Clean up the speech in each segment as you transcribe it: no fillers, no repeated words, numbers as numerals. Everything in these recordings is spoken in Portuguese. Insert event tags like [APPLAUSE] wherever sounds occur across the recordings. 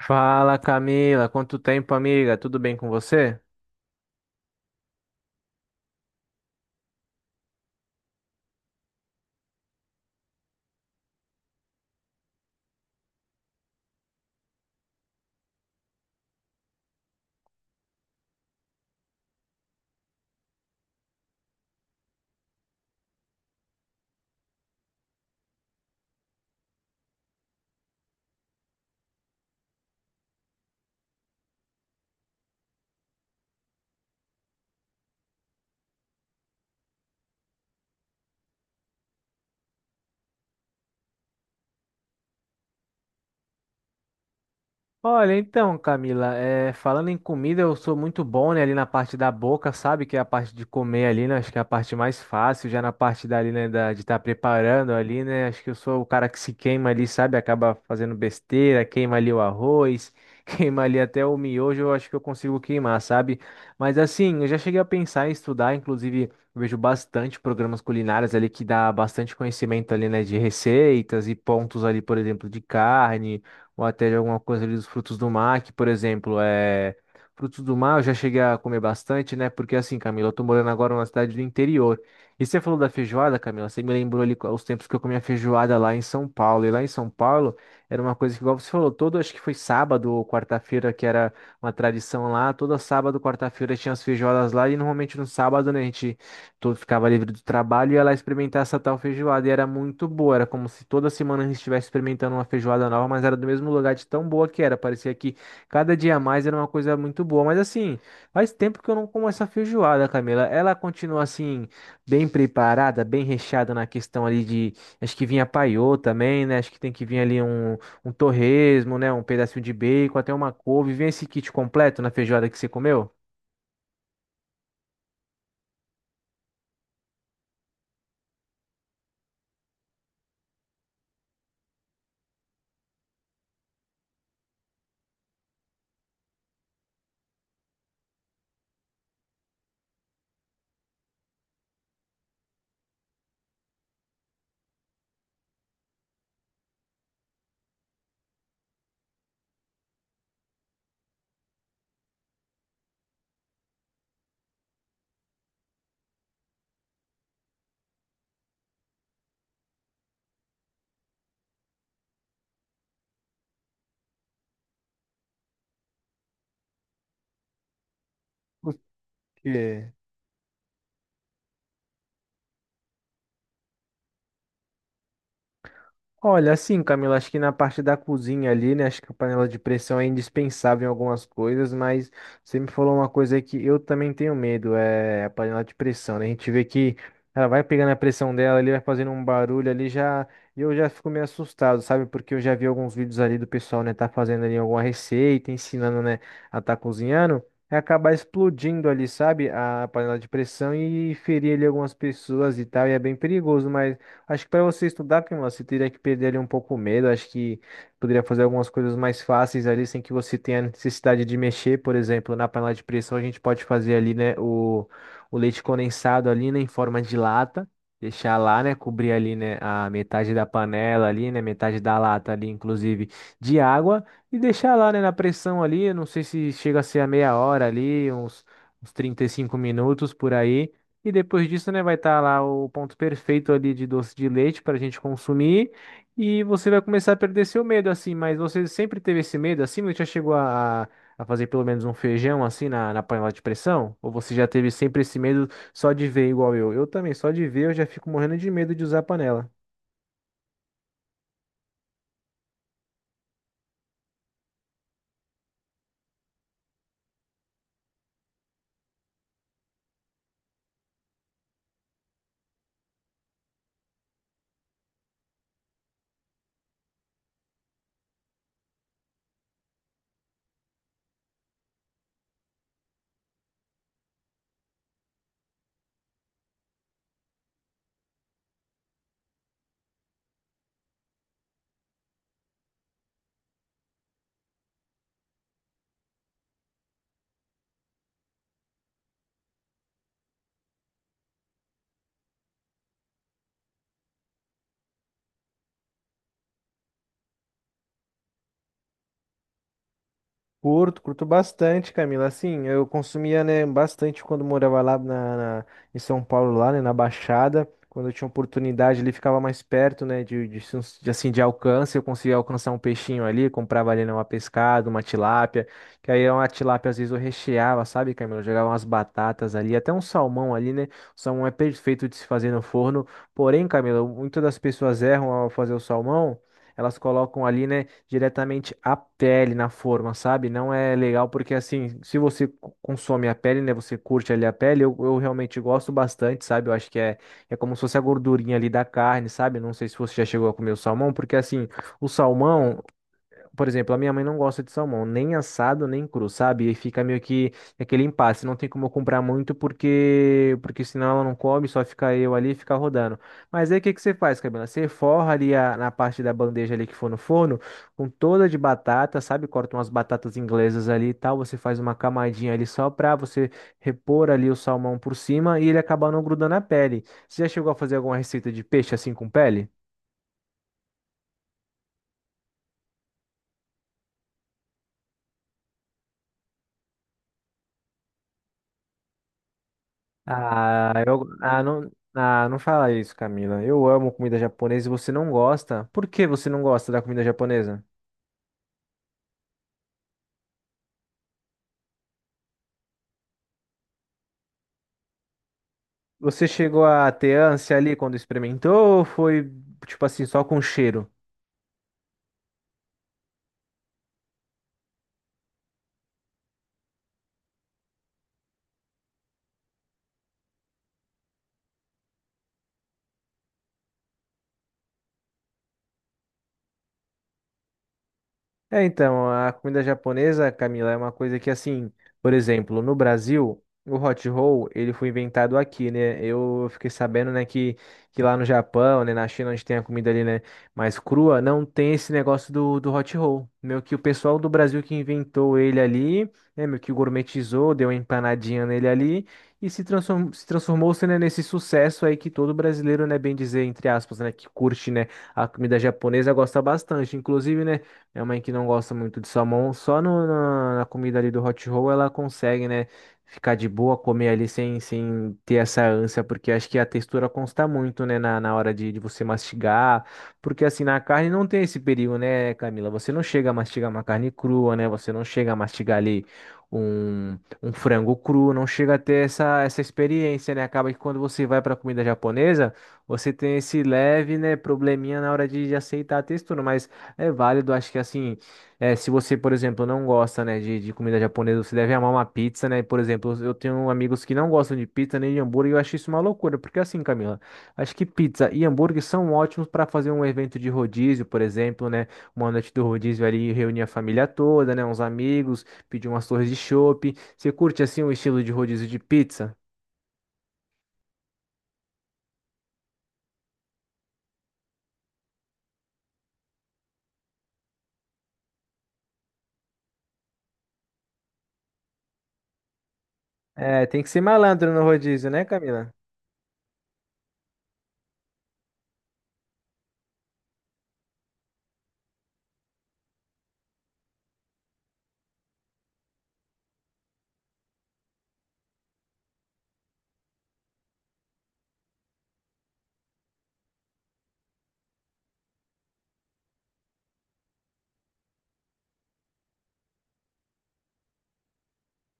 Fala Camila, quanto tempo, amiga? Tudo bem com você? Olha, então, Camila, é, falando em comida, eu sou muito bom, né, ali na parte da boca, sabe? Que é a parte de comer ali, né? Acho que é a parte mais fácil, já na parte dali, né, de estar preparando ali, né? Acho que eu sou o cara que se queima ali, sabe? Acaba fazendo besteira, queima ali o arroz, [LAUGHS] queima ali até o miojo, eu acho que eu consigo queimar, sabe? Mas assim, eu já cheguei a pensar em estudar, inclusive, eu vejo bastante programas culinários ali que dá bastante conhecimento ali, né, de receitas e pontos ali, por exemplo, de carne ou até de alguma coisa ali dos frutos do mar, que, por exemplo, é. Frutos do mar eu já cheguei a comer bastante, né? Porque assim, Camila, eu tô morando agora numa cidade do interior. E você falou da feijoada, Camila, você me lembrou ali os tempos que eu comia feijoada lá em São Paulo. E lá em São Paulo era uma coisa que, igual você falou, todo, acho que foi sábado ou quarta-feira, que era uma tradição lá. Todo sábado, quarta-feira tinha as feijoadas lá. E normalmente no sábado, né, a gente todo ficava livre do trabalho e ia lá experimentar essa tal feijoada. E era muito boa, era como se toda semana a gente estivesse experimentando uma feijoada nova, mas era do mesmo lugar de tão boa que era. Parecia que cada dia a mais era uma coisa muito boa. Mas assim, faz tempo que eu não como essa feijoada, Camila. Ela continua assim, bem preparada, bem recheada na questão ali de. Acho que vinha paiô também, né? Acho que tem que vir ali um, um torresmo, né? Um pedacinho de bacon, até uma couve. Vem esse kit completo na feijoada que você comeu? Por quê? Olha, assim, Camila, acho que na parte da cozinha ali, né? Acho que a panela de pressão é indispensável em algumas coisas, mas você me falou uma coisa aí que eu também tenho medo, é a panela de pressão, né? A gente vê que ela vai pegando a pressão dela, ali vai fazendo um barulho ali já, e eu já fico meio assustado, sabe? Porque eu já vi alguns vídeos ali do pessoal, né, tá fazendo ali alguma receita, ensinando, né, a tá cozinhando. E acabar explodindo ali, sabe? A panela de pressão e ferir ali algumas pessoas e tal, e é bem perigoso, mas. Acho que para você estudar, Camila, você teria que perder ali um pouco o medo. Acho que poderia fazer algumas coisas mais fáceis ali, sem que você tenha necessidade de mexer. Por exemplo, na panela de pressão, a gente pode fazer ali, né, o leite condensado ali, né, em forma de lata. Deixar lá, né, cobrir ali, né, a metade da panela ali, né, metade da lata ali, inclusive, de água. E deixar lá, né, na pressão ali, eu não sei se chega a ser a meia hora ali, uns, uns 35 minutos por aí e depois disso, né, vai estar lá o ponto perfeito ali de doce de leite para a gente consumir. E você vai começar a perder seu medo, assim. Mas você sempre teve esse medo, assim? Você já chegou a fazer pelo menos um feijão, assim, na, na panela de pressão? Ou você já teve sempre esse medo só de ver igual eu? Eu também, só de ver eu já fico morrendo de medo de usar a panela. Curto, curto bastante, Camila. Assim, eu consumia, né, bastante quando morava lá na em São Paulo, lá, né, na Baixada. Quando eu tinha oportunidade, ele ficava mais perto, né, de assim, de alcance. Eu conseguia alcançar um peixinho ali, comprava ali, né, uma pescada, uma tilápia. Que aí uma tilápia, às vezes, eu recheava, sabe, Camila? Eu jogava umas batatas ali, até um salmão ali, né? O salmão é perfeito de se fazer no forno. Porém, Camila, muitas das pessoas erram ao fazer o salmão elas colocam ali, né, diretamente a pele na forma, sabe? Não é legal porque, assim, se você consome a pele, né, você curte ali a pele, eu realmente gosto bastante, sabe? Eu acho que é, é como se fosse a gordurinha ali da carne, sabe? Não sei se você já chegou a comer o salmão, porque, assim, o salmão, por exemplo, a minha mãe não gosta de salmão, nem assado, nem cru, sabe? E fica meio que aquele impasse, não tem como eu comprar muito porque senão ela não come, só fica eu ali e fica rodando. Mas aí o que que você faz, Camila? Você forra ali a, na parte da bandeja ali que for no forno, com toda de batata, sabe? Corta umas batatas inglesas ali e tal, você faz uma camadinha ali só pra você repor ali o salmão por cima e ele acabar não grudando a pele. Você já chegou a fazer alguma receita de peixe assim com pele? Ah, eu, ah, não, ah, não fala isso, Camila. Eu amo comida japonesa e você não gosta. Por que você não gosta da comida japonesa? Você chegou a ter ânsia ali quando experimentou ou foi, tipo assim, só com cheiro? É, então, a comida japonesa, Camila, é uma coisa que, assim, por exemplo, no Brasil, o hot roll, ele foi inventado aqui, né? Eu fiquei sabendo, né, que lá no Japão, né, na China, onde tem a comida ali, né, mais crua, não tem esse negócio do hot roll. Meio que o pessoal do Brasil que inventou ele ali, né, meio que gourmetizou, deu uma empanadinha nele ali e se transformou, né, nesse sucesso aí que todo brasileiro, né, bem dizer, entre aspas, né, que curte, né, a comida japonesa gosta bastante. Inclusive, né, minha mãe que não gosta muito de salmão, só na comida ali do hot roll ela consegue, né, ficar de boa, comer ali sem, sem ter essa ânsia, porque acho que a textura consta muito, né, na, na hora de você mastigar, porque assim, na carne não tem esse perigo, né, Camila? Você não chega a mastigar uma carne crua, né, você não chega a mastigar ali um, um frango cru, não chega a ter essa, essa experiência, né? Acaba que quando você vai para comida japonesa, você tem esse leve, né, probleminha na hora de aceitar a textura, mas é válido, acho que assim, é, se você, por exemplo, não gosta, né, de comida japonesa, você deve amar uma pizza, né? Por exemplo, eu tenho amigos que não gostam de pizza nem de hambúrguer, e eu acho isso uma loucura, porque assim, Camila, acho que pizza e hambúrguer são ótimos para fazer um evento de rodízio, por exemplo, né? Uma noite do rodízio ali, reunir a família toda, né, uns amigos, pedir umas torres de chopp. Você curte assim o estilo de rodízio de pizza? É, tem que ser malandro no rodízio, né, Camila?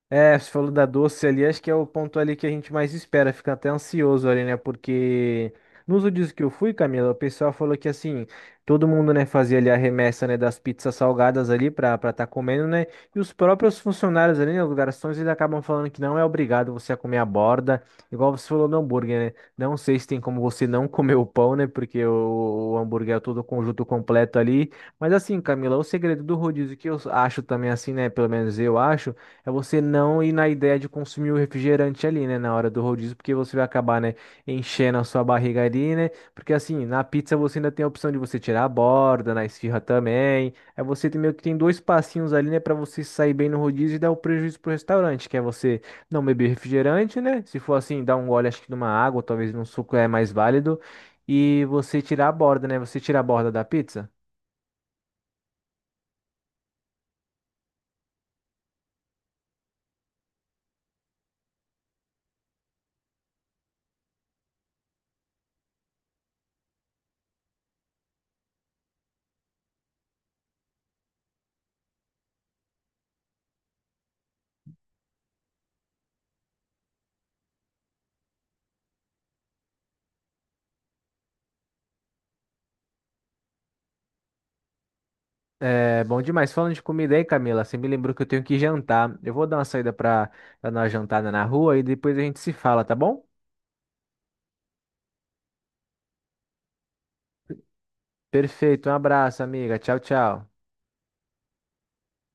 É, você falou da doce ali, acho que é o ponto ali que a gente mais espera, fica até ansioso ali, né? Porque nos últimos que eu fui, Camila, o pessoal falou que assim, todo mundo, né, fazia ali a remessa, né, das pizzas salgadas ali pra tá comendo, né? E os próprios funcionários ali, né, os garçons, eles acabam falando que não é obrigado você a comer a borda, igual você falou do hambúrguer, né? Não sei se tem como você não [LAUGHS] comer o pão, né? Porque o hambúrguer é todo o conjunto completo ali. Mas assim, Camila, o segredo do rodízio que eu acho também assim, né? Pelo menos eu acho é você não ir na ideia de consumir o refrigerante ali, né, na hora do rodízio, porque você vai acabar, né, enchendo a sua barriga ali, né? Porque assim, na pizza você ainda tem a opção de você tirar a borda, na esfirra também. Aí você tem meio que tem dois passinhos ali, né, para você sair bem no rodízio e dar o prejuízo pro restaurante, que é você não beber refrigerante, né? Se for assim, dar um gole acho que numa água, talvez num suco é mais válido. E você tirar a borda, né? Você tira a borda da pizza? É bom demais. Falando de comida aí, Camila, você me lembrou que eu tenho que jantar. Eu vou dar uma saída para dar uma jantada na rua e depois a gente se fala, tá bom? Perfeito, um abraço, amiga. Tchau, tchau.